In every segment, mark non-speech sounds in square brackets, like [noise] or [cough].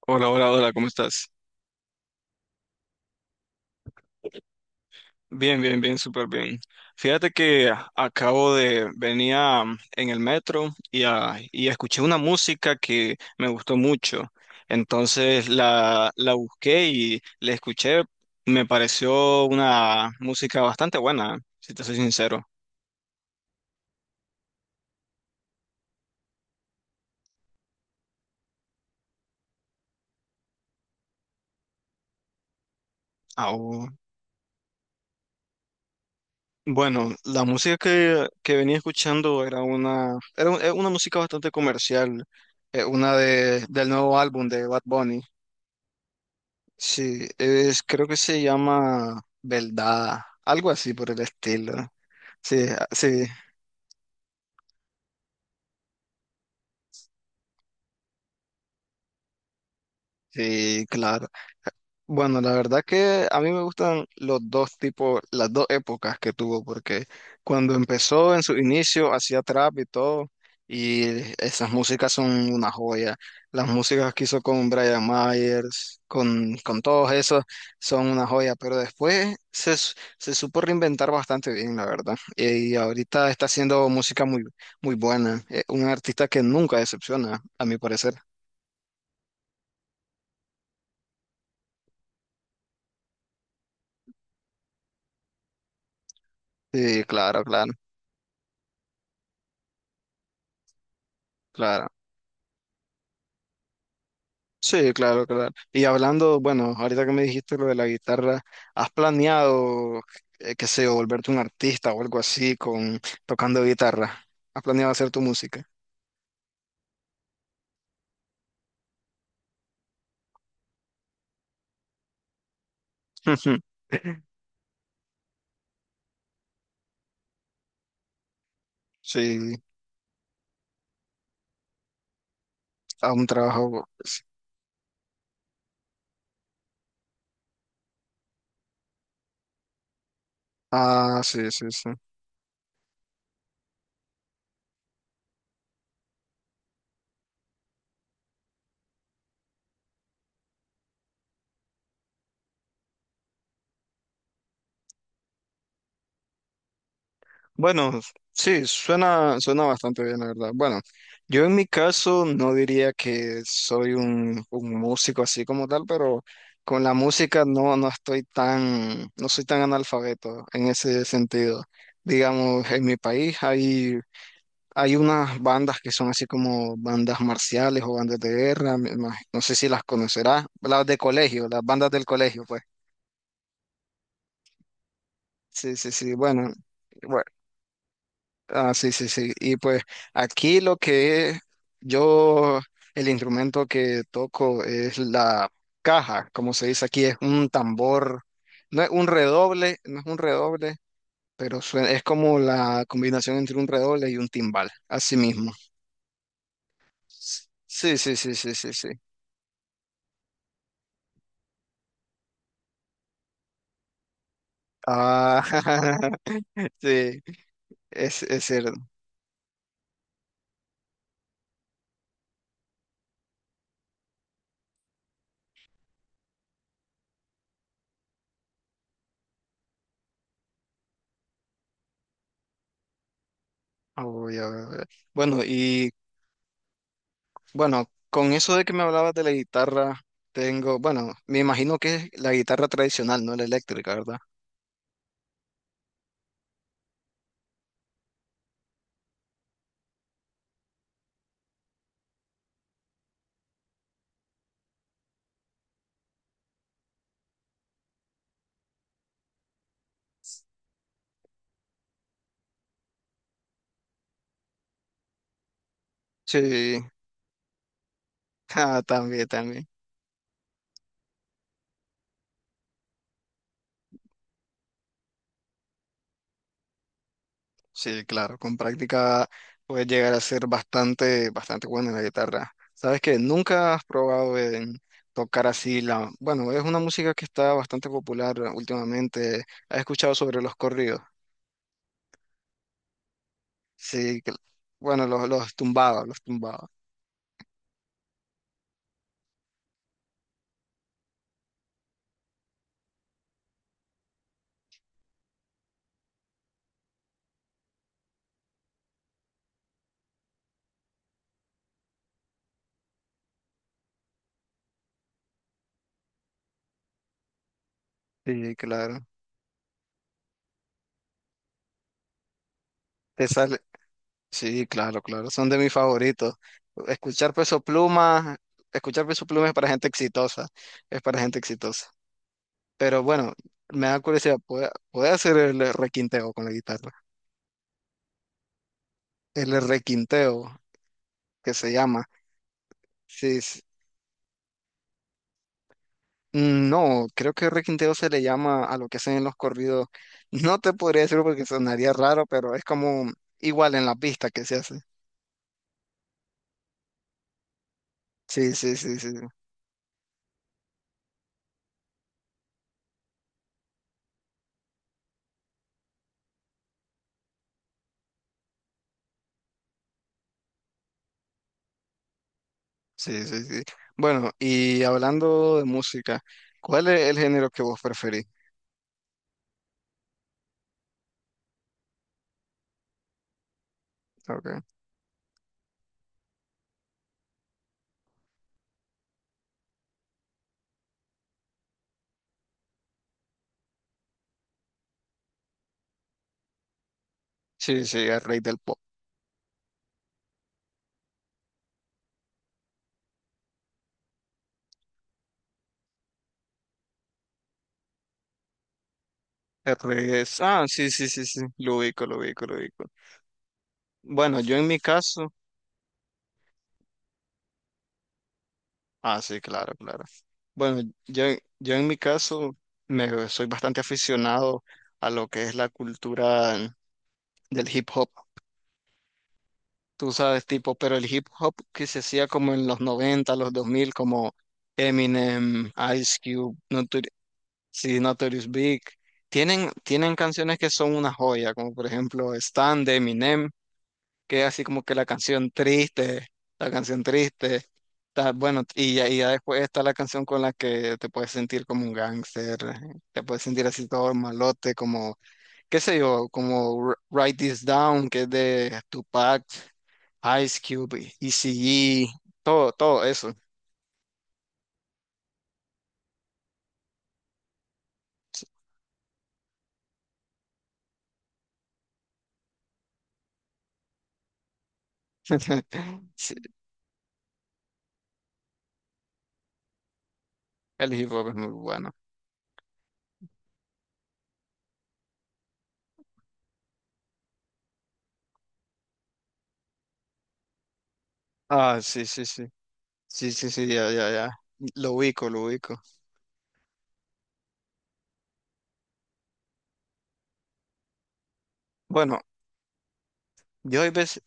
Hola, hola, hola, ¿cómo estás? Bien, bien, bien, súper bien. Fíjate que acabo de venía en el metro y escuché una música que me gustó mucho. Entonces la busqué y la escuché. Me pareció una música bastante buena, si te soy sincero. Au. Bueno, la música que venía escuchando era una música bastante comercial, del nuevo álbum de Bad Bunny. Sí, creo que se llama Beldada, algo así por el estilo. Sí, sí, sí, claro. Bueno, la verdad que a mí me gustan los dos tipos, las dos épocas que tuvo, porque cuando empezó en su inicio hacía trap y todo, y esas músicas son una joya. Las músicas que hizo con Brian Myers, con todos esos, son una joya, pero después se supo reinventar bastante bien, la verdad. Y ahorita está haciendo música muy, muy buena. Un artista que nunca decepciona, a mi parecer. Sí, claro, claro, claro. Sí, claro, claro. Y hablando, bueno, ahorita que me dijiste lo de la guitarra, ¿has planeado, qué sé yo, volverte un artista o algo así con tocando guitarra? ¿Has planeado hacer tu música? [laughs] Ujú. Sí, a un trabajo. Sí. Ah, sí, sí, sí. Bueno, sí, suena bastante bien, la verdad. Bueno, yo en mi caso no diría que soy un músico así como tal, pero con la música no soy tan analfabeto en ese sentido. Digamos, en mi país hay unas bandas que son así como bandas marciales o bandas de guerra, me imag- no sé si las conocerás, las de colegio, las bandas del colegio, pues. Sí, sí, sí, bueno. Ah, sí, sí, sí. Y pues aquí yo, el instrumento que toco es la caja, como se dice aquí, es un tambor, no es un redoble, no es un redoble, pero es como la combinación entre un redoble y un timbal, así mismo. Sí, sí, sí, sí, sí, sí. Ah, [laughs] sí, es cierto. Ah, voy a ver. Bueno, y Bueno, con eso de que me hablabas de la guitarra, tengo, bueno, me imagino que es la guitarra tradicional, no la eléctrica, ¿verdad? Sí, [laughs] también, también. Sí, claro, con práctica puedes llegar a ser bastante, bastante bueno en la guitarra. ¿Sabes que nunca has probado en tocar así bueno, es una música que está bastante popular últimamente? ¿Has escuchado sobre los corridos? Sí, bueno, los tumbados, los tumbados. Sí, claro. Te sale. Sí, claro, claro, son de mis favoritos. Escuchar Peso Pluma, escuchar Peso Pluma es para gente exitosa, es para gente exitosa. Pero bueno, me da curiosidad, ¿puede hacer el requinteo con la guitarra? El requinteo, que se llama. Sí, sí. No, creo que requinteo se le llama a lo que hacen en los corridos. No te podría decir porque sonaría raro, pero es como igual en la pista que se hace. Sí, sí, sí, sí. Sí, sí, sí. Bueno, y hablando de música, ¿cuál es el género que vos preferís? Okay. Sí, sí, el rey del pop. El rey es. Ah, sí, sí, sí, sí. Lo ubico, lo ubico, lo ubico. Bueno, yo en mi caso. Ah, sí, claro, claro. Bueno, yo, yo en mi caso me soy bastante aficionado a lo que es la cultura del hip hop. Tú sabes, tipo, pero el hip hop que se hacía como en los 90, los 2000, como Eminem, Ice Cube. Sí, Notorious Big. Tienen canciones que son una joya, como por ejemplo Stan de Eminem, que es así como que la canción triste, la canción triste. Bueno, y ya después está la canción con la que te puedes sentir como un gángster, te puedes sentir así todo malote, como, qué sé yo, como Write This Down, que es de Tupac, Ice Cube, ECE, todo eso. [laughs] Sí, el hip hop es muy bueno. Ah, sí, sí, sí. Sí, sí, sí, ya, ya, ya. Lo ubico, lo ubico. Bueno, yo hay veces,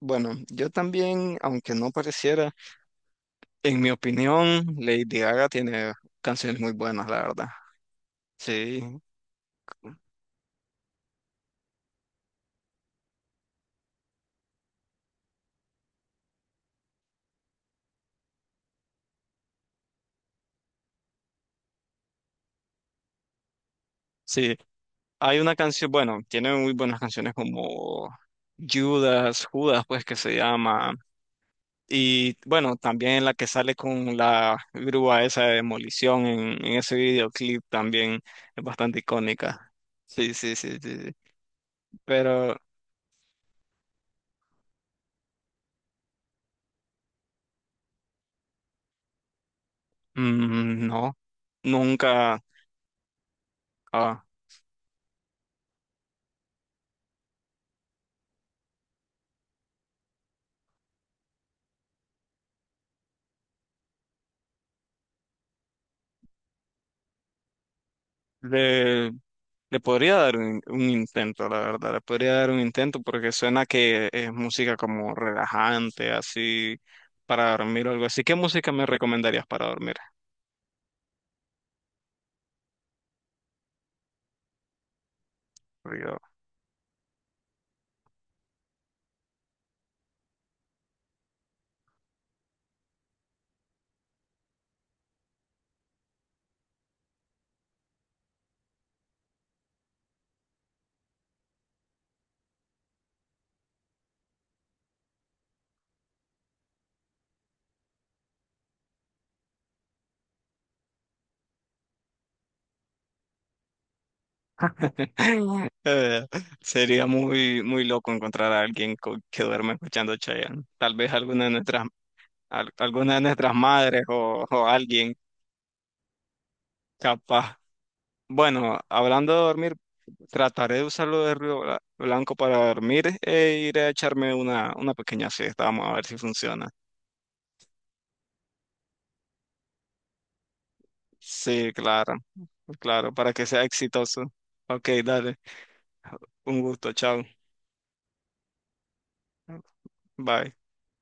bueno, yo también, aunque no pareciera, en mi opinión, Lady Gaga tiene canciones muy buenas, la verdad. Sí, sí. Hay una canción, bueno, tiene muy buenas canciones como Judas, Judas, pues que se llama. Y bueno, también la que sale con la grúa esa de demolición en ese videoclip también es bastante icónica. Sí, sí, sí, sí. Sí. Pero mm, no, nunca. ah, le, le podría dar un intento, la verdad. Le podría dar un intento porque suena que es música como relajante, así para dormir o algo así. ¿Qué música me recomendarías para dormir? Porque [laughs] Eh, sería muy, muy loco encontrar a alguien que duerma escuchando Chayanne. Tal vez alguna de nuestras madres o alguien capaz. Bueno, hablando de dormir, trataré de usarlo de ruido blanco para dormir e iré a echarme una pequeña siesta. Vamos a ver si funciona. Sí, claro, claro, para que sea exitoso. Ok, dale. Un gusto, chao. Bye.